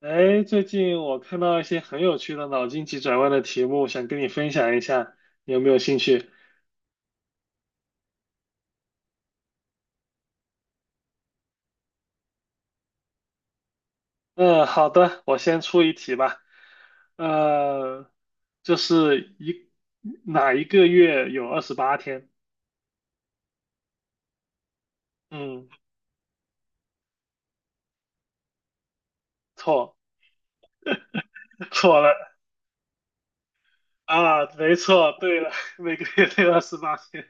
哎，最近我看到一些很有趣的脑筋急转弯的题目，想跟你分享一下，你有没有兴趣？嗯，好的，我先出一题吧。呃，就是哪一个月有二十八天？嗯，错，错了啊，没错，对了，每个月都有28天。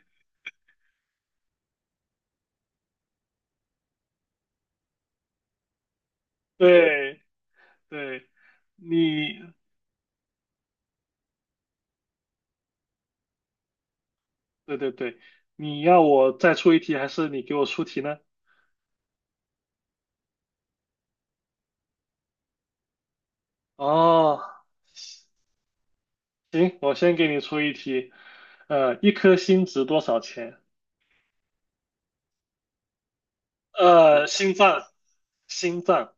对对，你对对对，你要我再出一题，还是你给我出题呢？哦，行，我先给你出一题，一颗心值多少钱？呃，心脏，心脏，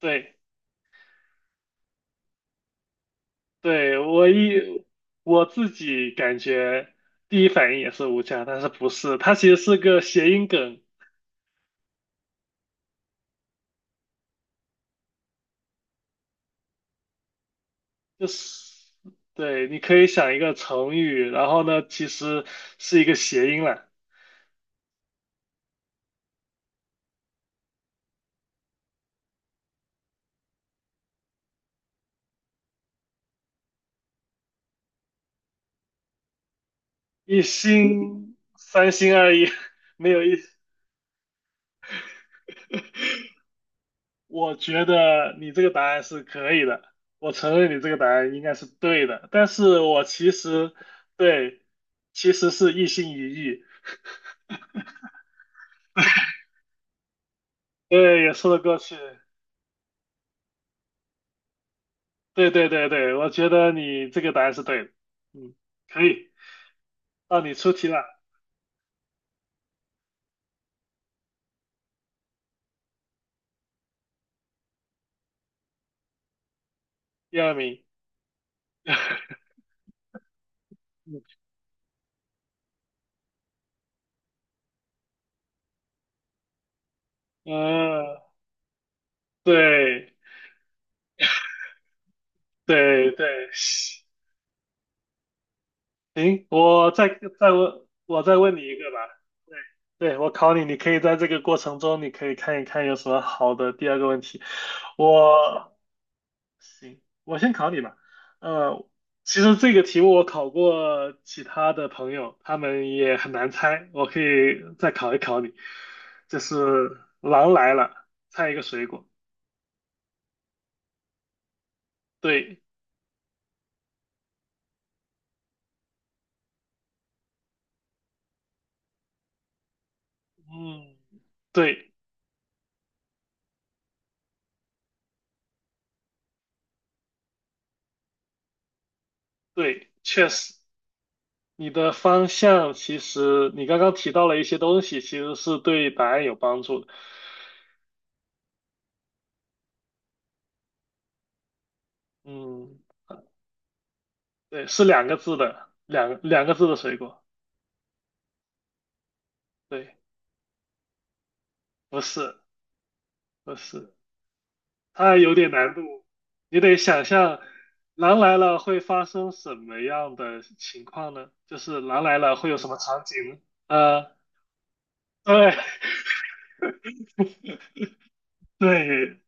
对对，我自己感觉第一反应也是无价，但是不是，它其实是个谐音梗，就是对，你可以想一个成语，然后呢，其实是一个谐音啦，一心三心二意，没有意思。我觉得你这个答案是可以的，我承认你这个答案应该是对的，但是我其实对，其实是一心一意，对，也说得过去，对对对对，我觉得你这个答案是对的，嗯，可以，到你出题了，第二名，嗯，对对对，行，我再问你一个吧。对，对，我考你，你可以在这个过程中，你可以看一看有什么好的第二个问题。我行，我先考你吧。呃，其实这个题目我考过其他的朋友，他们也很难猜，我可以再考一考你。就是狼来了，猜一个水果。对，嗯，对对，确实。你的方向其实你刚刚提到了一些东西，其实是对答案有帮助的。嗯，对，是两个字的，两个字的水果。对，不是，不是，它有点难度，你得想象狼来了会发生什么样的情况呢？就是狼来了会有什么场景呢？呃，对，对，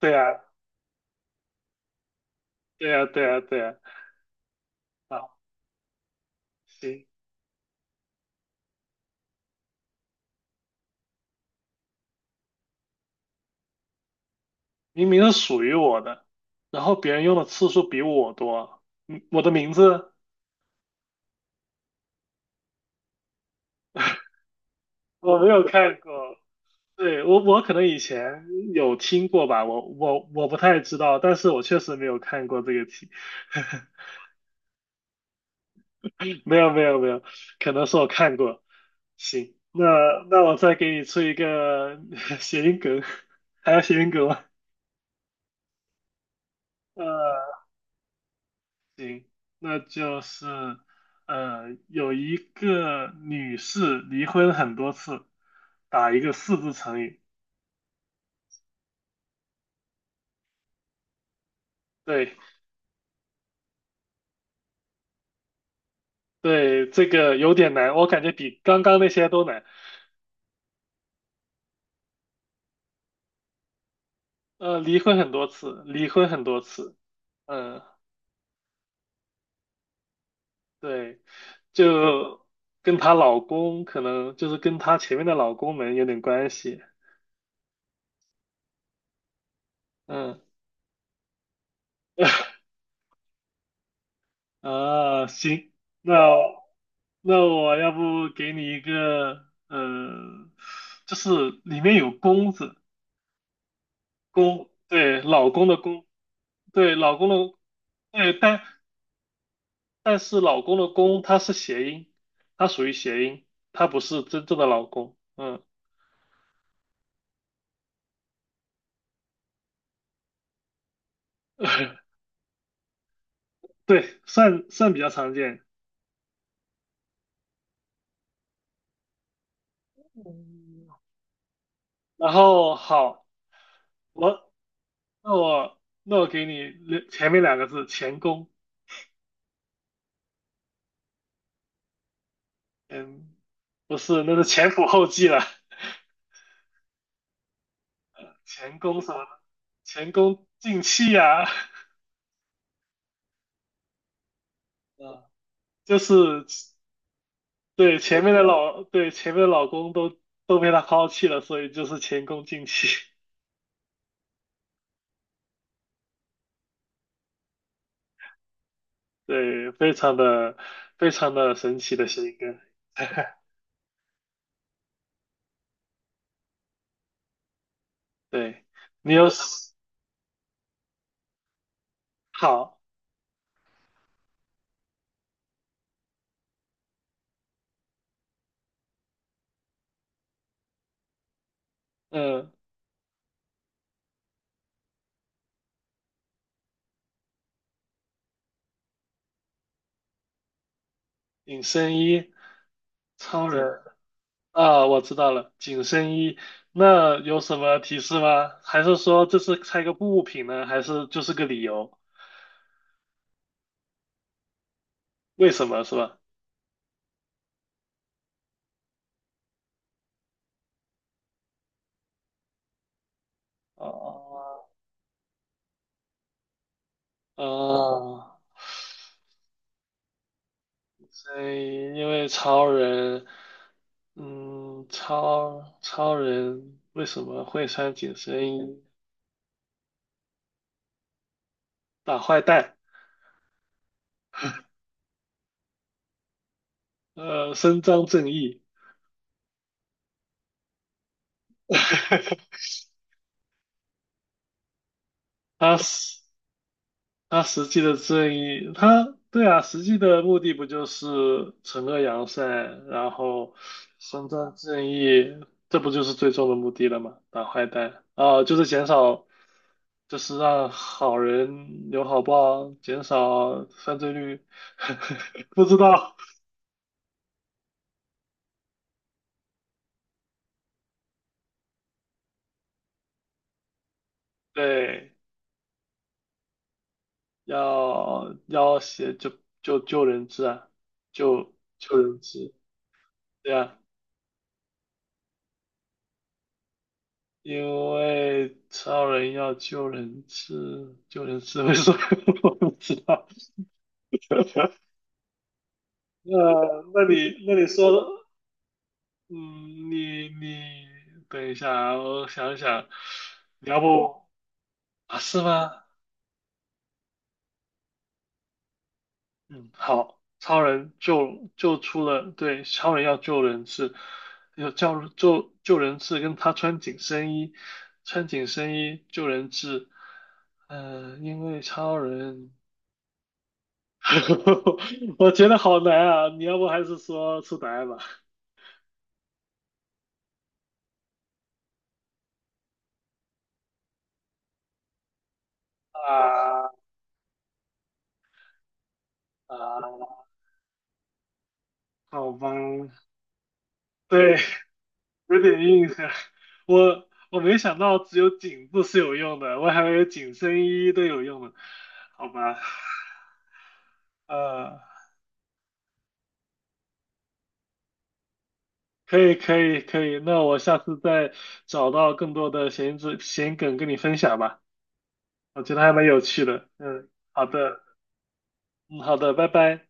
对啊，对啊，对啊，对啊。好，行。明明是属于我的，然后别人用的次数比我多。嗯我的名字我没有看过，对，我可能以前有听过吧，我不太知道，但是我确实没有看过这个题。没有没有没有，可能是我看过。行，那我再给你出一个 谐音梗，还要谐音梗吗？呃。行，那就是有一个女士离婚很多次，打一个四字成语。对对，这个有点难，我感觉比刚刚那些都难。离婚很多次，离婚很多次。嗯，对，就跟她老公可能就是跟她前面的老公们有点关系。嗯，啊，行，那。那我要不给你一个，就是里面有公字，公，对，老公的公，对，老公的，对，但是老公的公它是谐音，它属于谐音，它不是真正的老公，嗯，对，算算比较常见。嗯，然后好，我那我我给你前面两个字，前功，嗯，不是，那是前仆后继了，前功什么呢前功尽弃啊，啊，就是对前面的老公都被他抛弃了，所以就是前功尽弃。对，非常的神奇的谐音梗。对，你有什么好，嗯，紧身衣，超人啊，我知道了，紧身衣。那有什么提示吗？还是说这是猜个物品呢？还是就是个理由？为什么是吧？哦，啊，所以因为超人，嗯，超人为什么会穿紧身衣打坏蛋？伸张正义，他实他实际的正义，他对啊，实际的目的不就是惩恶扬善，然后伸张正义，这不就是最终的目的了吗？打坏蛋啊，就是减少就是让好人有好报，减少犯罪率。不知道，对，要写就救人质啊，救人质。对啊，因为超人要救人质，救人质，为什么 我不知道？那那你说的，嗯，你等一下啊，我想一想，你要不啊是吗？嗯，好，超人救出了，对，超人要救人质，要叫救人质，跟他穿紧身衣，穿紧身衣救人质，嗯、因为超人，我觉得好难啊，你要不还是说出答案吧？啊啊，好吧，对，有点印象，我没想到只有颈部是有用的，我还以为紧身衣都有用的，好吧，呃。可以可以可以，那我下次再找到更多的闲梗跟你分享吧，我觉得还蛮有趣的。嗯，好的，嗯，好的，拜拜。